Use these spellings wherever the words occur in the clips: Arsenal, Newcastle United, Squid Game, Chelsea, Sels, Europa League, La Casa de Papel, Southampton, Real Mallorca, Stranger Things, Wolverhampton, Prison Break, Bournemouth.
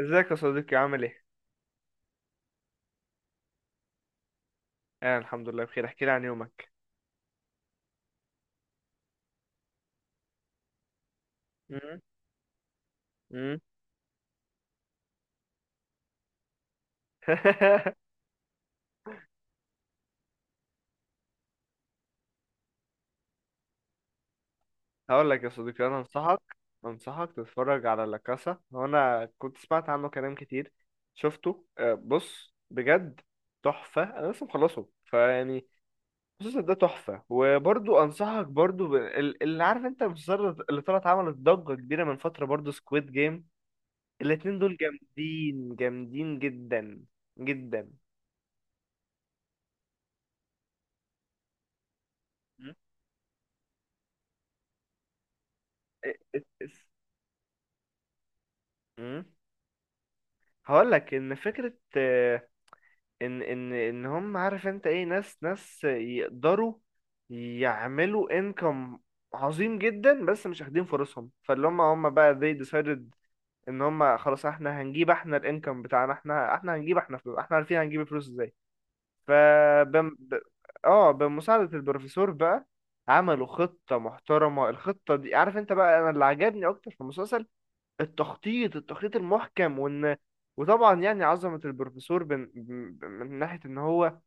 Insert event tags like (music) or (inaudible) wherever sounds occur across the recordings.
ازيك يا صديقي، عامل ايه؟ انا الحمد لله بخير. احكي لي عن يومك. مم. مم. (laughs) هقول لك يا صديقي، انا انصحك تتفرج على لا كاسا. هو انا كنت سمعت عنه كلام كتير. شفته، بص بجد تحفة. انا لسه مخلصه، فيعني المسلسل ده تحفة. وبرضو انصحك برضو اللي، عارف انت، المسلسل اللي طلعت عملت ضجة كبيرة من فترة، برضو سكويد جيم. الاتنين دول جامدين جامدين جدا جدا. مم. إيه. مم. هقول لك ان فكره، ان هم، عارف انت ايه، ناس يقدروا يعملوا انكم عظيم جدا، بس مش واخدين فرصهم. فاللي هم بقى they decided ان هم خلاص. احنا هنجيب احنا الانكم بتاعنا، احنا هنجيب احنا فلوس، احنا عارفين هنجيب الفلوس ازاي. ف بم- ب... اه، بمساعده البروفيسور بقى عملوا خطه محترمه. الخطه دي، عارف انت بقى، انا اللي عجبني اكتر في المسلسل التخطيط المحكم. وطبعا يعني عظمة البروفيسور من ناحية ان هو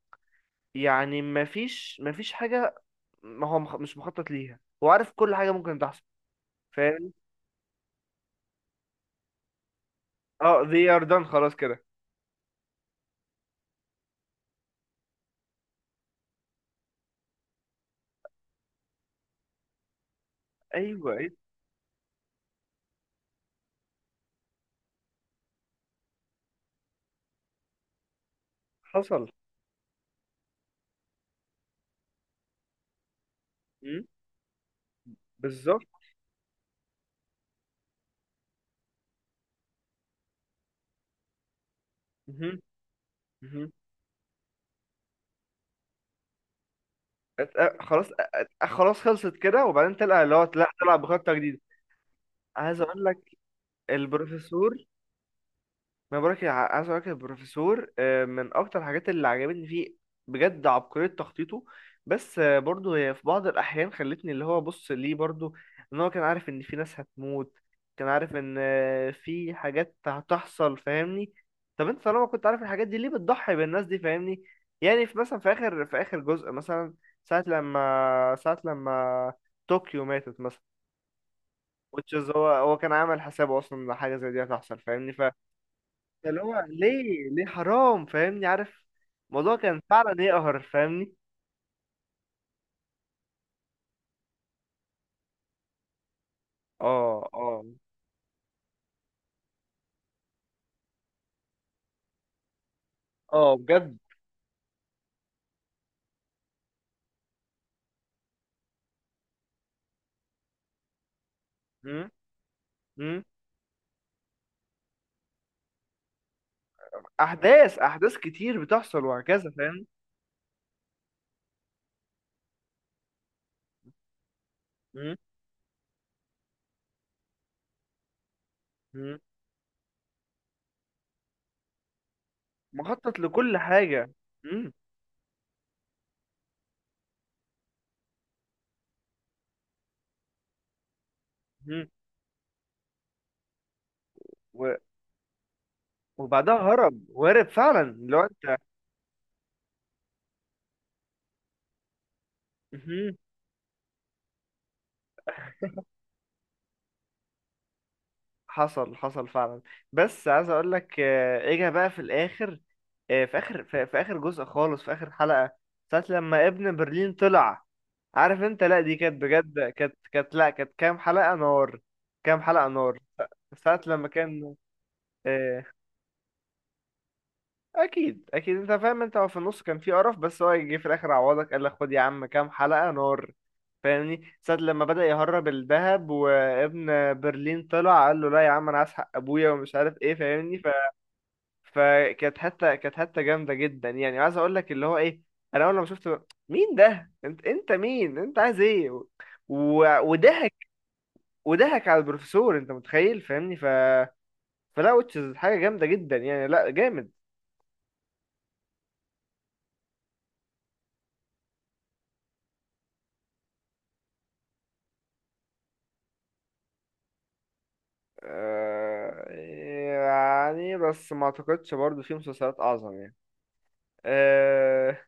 يعني ما فيش حاجة ما هو مش مخطط ليها. هو عارف كل حاجة ممكن تحصل، فاهم؟ اه، they are done، خلاص كده. ايوه، ايه. حصل. مم، بالظبط. مهم، مهم. خلاص خلاص، خلصت كده، وبعدين تلقى اللي هو لا، تلعب بخطة جديدة. عايز اقول لك البروفيسور، ما بقولك يا- عايز اقولك يا بروفيسور، من اكتر الحاجات اللي عجبتني فيه بجد عبقرية تخطيطه. بس، برضه هي في بعض الاحيان خلتني اللي هو بص ليه برضه. ان هو كان عارف ان في ناس هتموت، كان عارف ان في حاجات هتحصل، فاهمني؟ طب انت طالما كنت عارف الحاجات دي، ليه بتضحي بالناس دي؟ فاهمني، يعني في مثلا في اخر جزء مثلا، ساعة لما طوكيو ماتت مثلا. which is هو كان عامل حسابه اصلا ان حاجة زي دي هتحصل، فاهمني؟ اللي هو ليه، ليه حرام؟ فاهمني، عارف الموضوع كان فعلا يقهر، فاهمني. اه، اه، اه، بجد. مم، مم. احداث كتير بتحصل وهكذا، فاهم؟ مم، مم. مخطط لكل حاجه. مم، مم. و- وبعدها هرب، وهرب فعلا لو انت. مم. حصل، حصل فعلا. بس عايز اقول لك، اجا بقى في الاخر، في اخر في اخر جزء خالص، في اخر حلقة، ساعة لما ابن برلين طلع. عارف انت، لا دي كانت بجد، كانت كانت لا كانت كام حلقة نار. كام حلقة نار. ساعة لما كان، آه، اكيد اكيد انت فاهم. انت هو في النص كان في قرف، بس هو جه في الاخر عوضك، قال لك خد يا عم كام حلقة نار. فاهمني، ساعة لما بدأ يهرب الذهب، وابن برلين طلع قال له لا يا عم، انا عايز حق ابويا ومش عارف ايه، فاهمني. فكانت حتة، كانت حتة جامدة جدا. يعني عايز اقول لك اللي هو ايه، انا اول ما شفت مين ده، انت مين، انت عايز ايه، وضحك، وضحك على البروفيسور، انت متخيل؟ فاهمني، فلا، وتشز حاجة جامدة جدا، يعني لا، جامد. يعني بس ما اعتقدش برضو في مسلسلات اعظم، يعني. آه...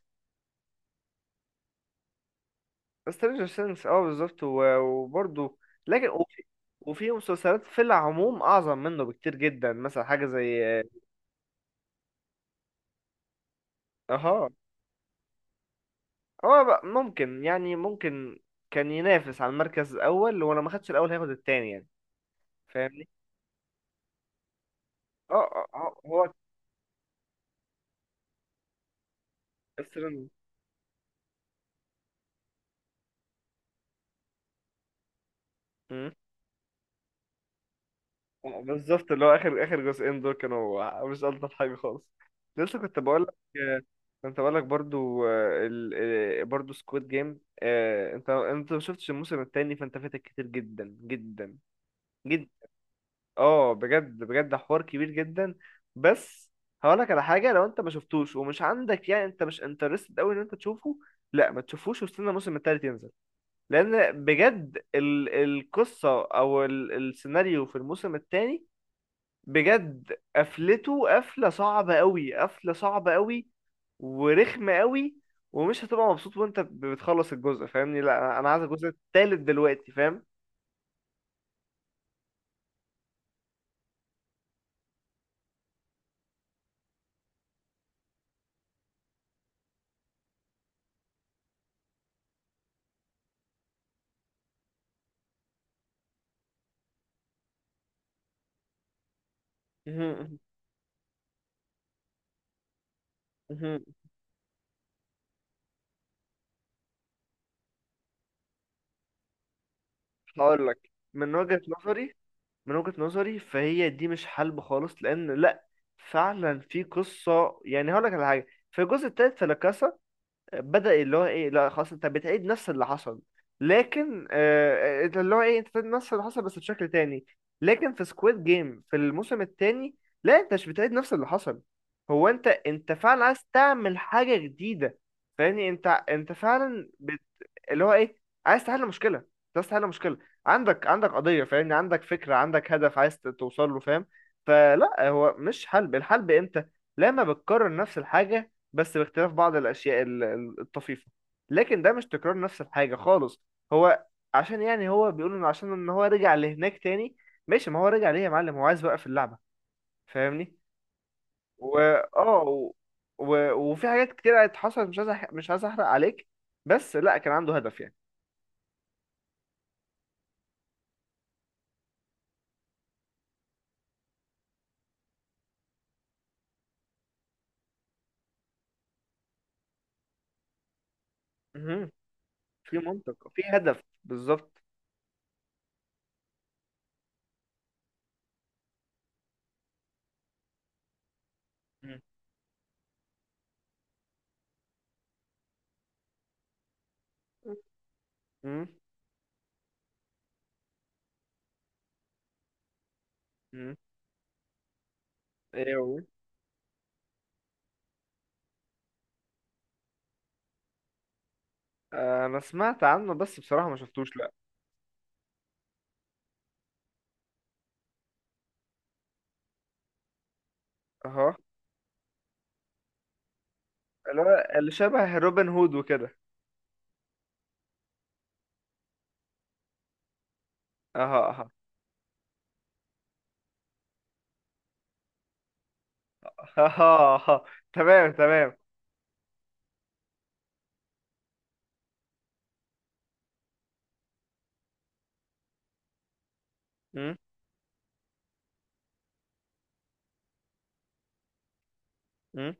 سترينجر ثينجز، اه بالظبط، وبرضو لكن وفي مسلسلات في العموم اعظم منه بكتير جدا، مثلا حاجة زي اها. هو بقى ممكن، ممكن كان ينافس على المركز الاول، ولو ما خدش الاول هياخد التاني، يعني فاهمني. اه، هو السيرن بالظبط. اللي هو اخر جزئين دول كانوا مش الطف حاجه خالص. لسه كنت بقول لك، آه، كنت بقول لك برضو، آه، ال... آه، برضو سكواد جيم. انت ما شفتش الموسم التاني، فانت فاتك كتير جدا جدا جدا. اه، بجد بجد حوار كبير جدا. بس هقولك على حاجه، لو انت ما شفتوش ومش عندك يعني، انت مش انترستد قوي ان انت تشوفه، لا ما تشوفوش، واستنى الموسم التالت ينزل. لان بجد القصه او السيناريو في الموسم التاني بجد قفلته قفله صعبه قوي، قفله صعبه قوي، ورخمه قوي. ومش هتبقى مبسوط وانت بتخلص الجزء، فاهمني. لا انا، عايز الجزء التالت دلوقتي، فاهم؟ (laughs) هقول لك من وجهة نظري، من وجهة نظري، فهي دي مش حلب خالص، لان لا، فعلا في قصه. يعني هقول لك على حاجه، في الجزء الثالث في لاكاسا بدا اللي هو ايه، لا خلاص، انت بتعيد نفس اللي حصل. لكن آه، إنت اللي هو ايه، انت بتعيد نفس اللي حصل بس بشكل تاني. لكن في سكويد جيم في الموسم الثاني، لا انت مش بتعيد نفس اللي حصل. هو انت فعلا عايز تعمل حاجه جديده. فاهمني، انت فعلا اللي هو ايه، عايز تحل مشكله. أنت عايز تحل مشكله، عندك قضيه، فاهمني. عندك فكره، عندك هدف، عايز توصل له، فاهم؟ فلا، هو مش حلب. الحلب امتى؟ لما بتكرر نفس الحاجه بس باختلاف بعض الاشياء الطفيفه. لكن ده مش تكرار نفس الحاجه خالص. هو عشان، يعني هو بيقول ان عشان ان هو رجع لهناك تاني. ماشي، ما هو رجع ليه يا معلم؟ هو عايز يوقف اللعبه، فاهمني. واه، و... وفي حاجات كتير حصلت، مش عايز مش عايز احرق عليك، بس لا كان عنده هدف يعني. مهم. في منطق، في هدف، بالظبط. مم. مم. مم. ايه هو. انا سمعت عنه، بس بصراحة ما شفتوش لا. اها. اللي هو اللي شبه روبن هود وكده. اها، اها، اها، اها. تمام، تمام. مم. مم.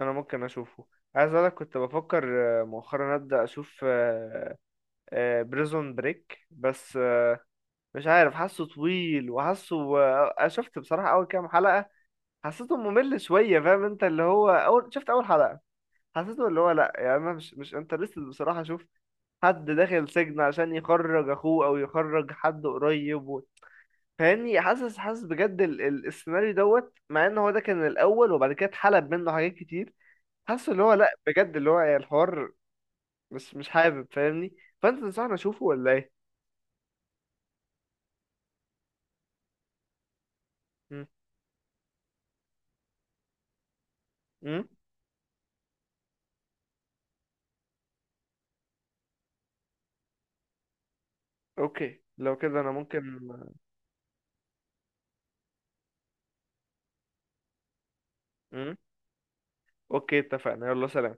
انا ممكن اشوفه. عايز اقولك كنت بفكر، مؤخرا ابدا اشوف بريزون بريك. بس، مش عارف، حاسه طويل، وحاسه، شفت بصراحة اول كام حلقة، حسيته ممل شوية، فاهم انت. اللي هو اول شفت اول حلقة، حسيته اللي هو لا، يعني انا مش انترستد بصراحه اشوف حد داخل سجن عشان يخرج اخوه او يخرج حد قريب، فاهمني. حاسس بجد السيناريو دوت، مع ان هو ده كان الاول وبعد كده اتحلب منه حاجات كتير. حاسس اللي هو لا، بجد اللي هو يعني الحوار مش حابب، فاهمني. فانت تنصحني اشوفه ولا ايه؟ امم. اوكي لو كده انا ممكن. امم. اوكي اتفقنا، يلا سلام.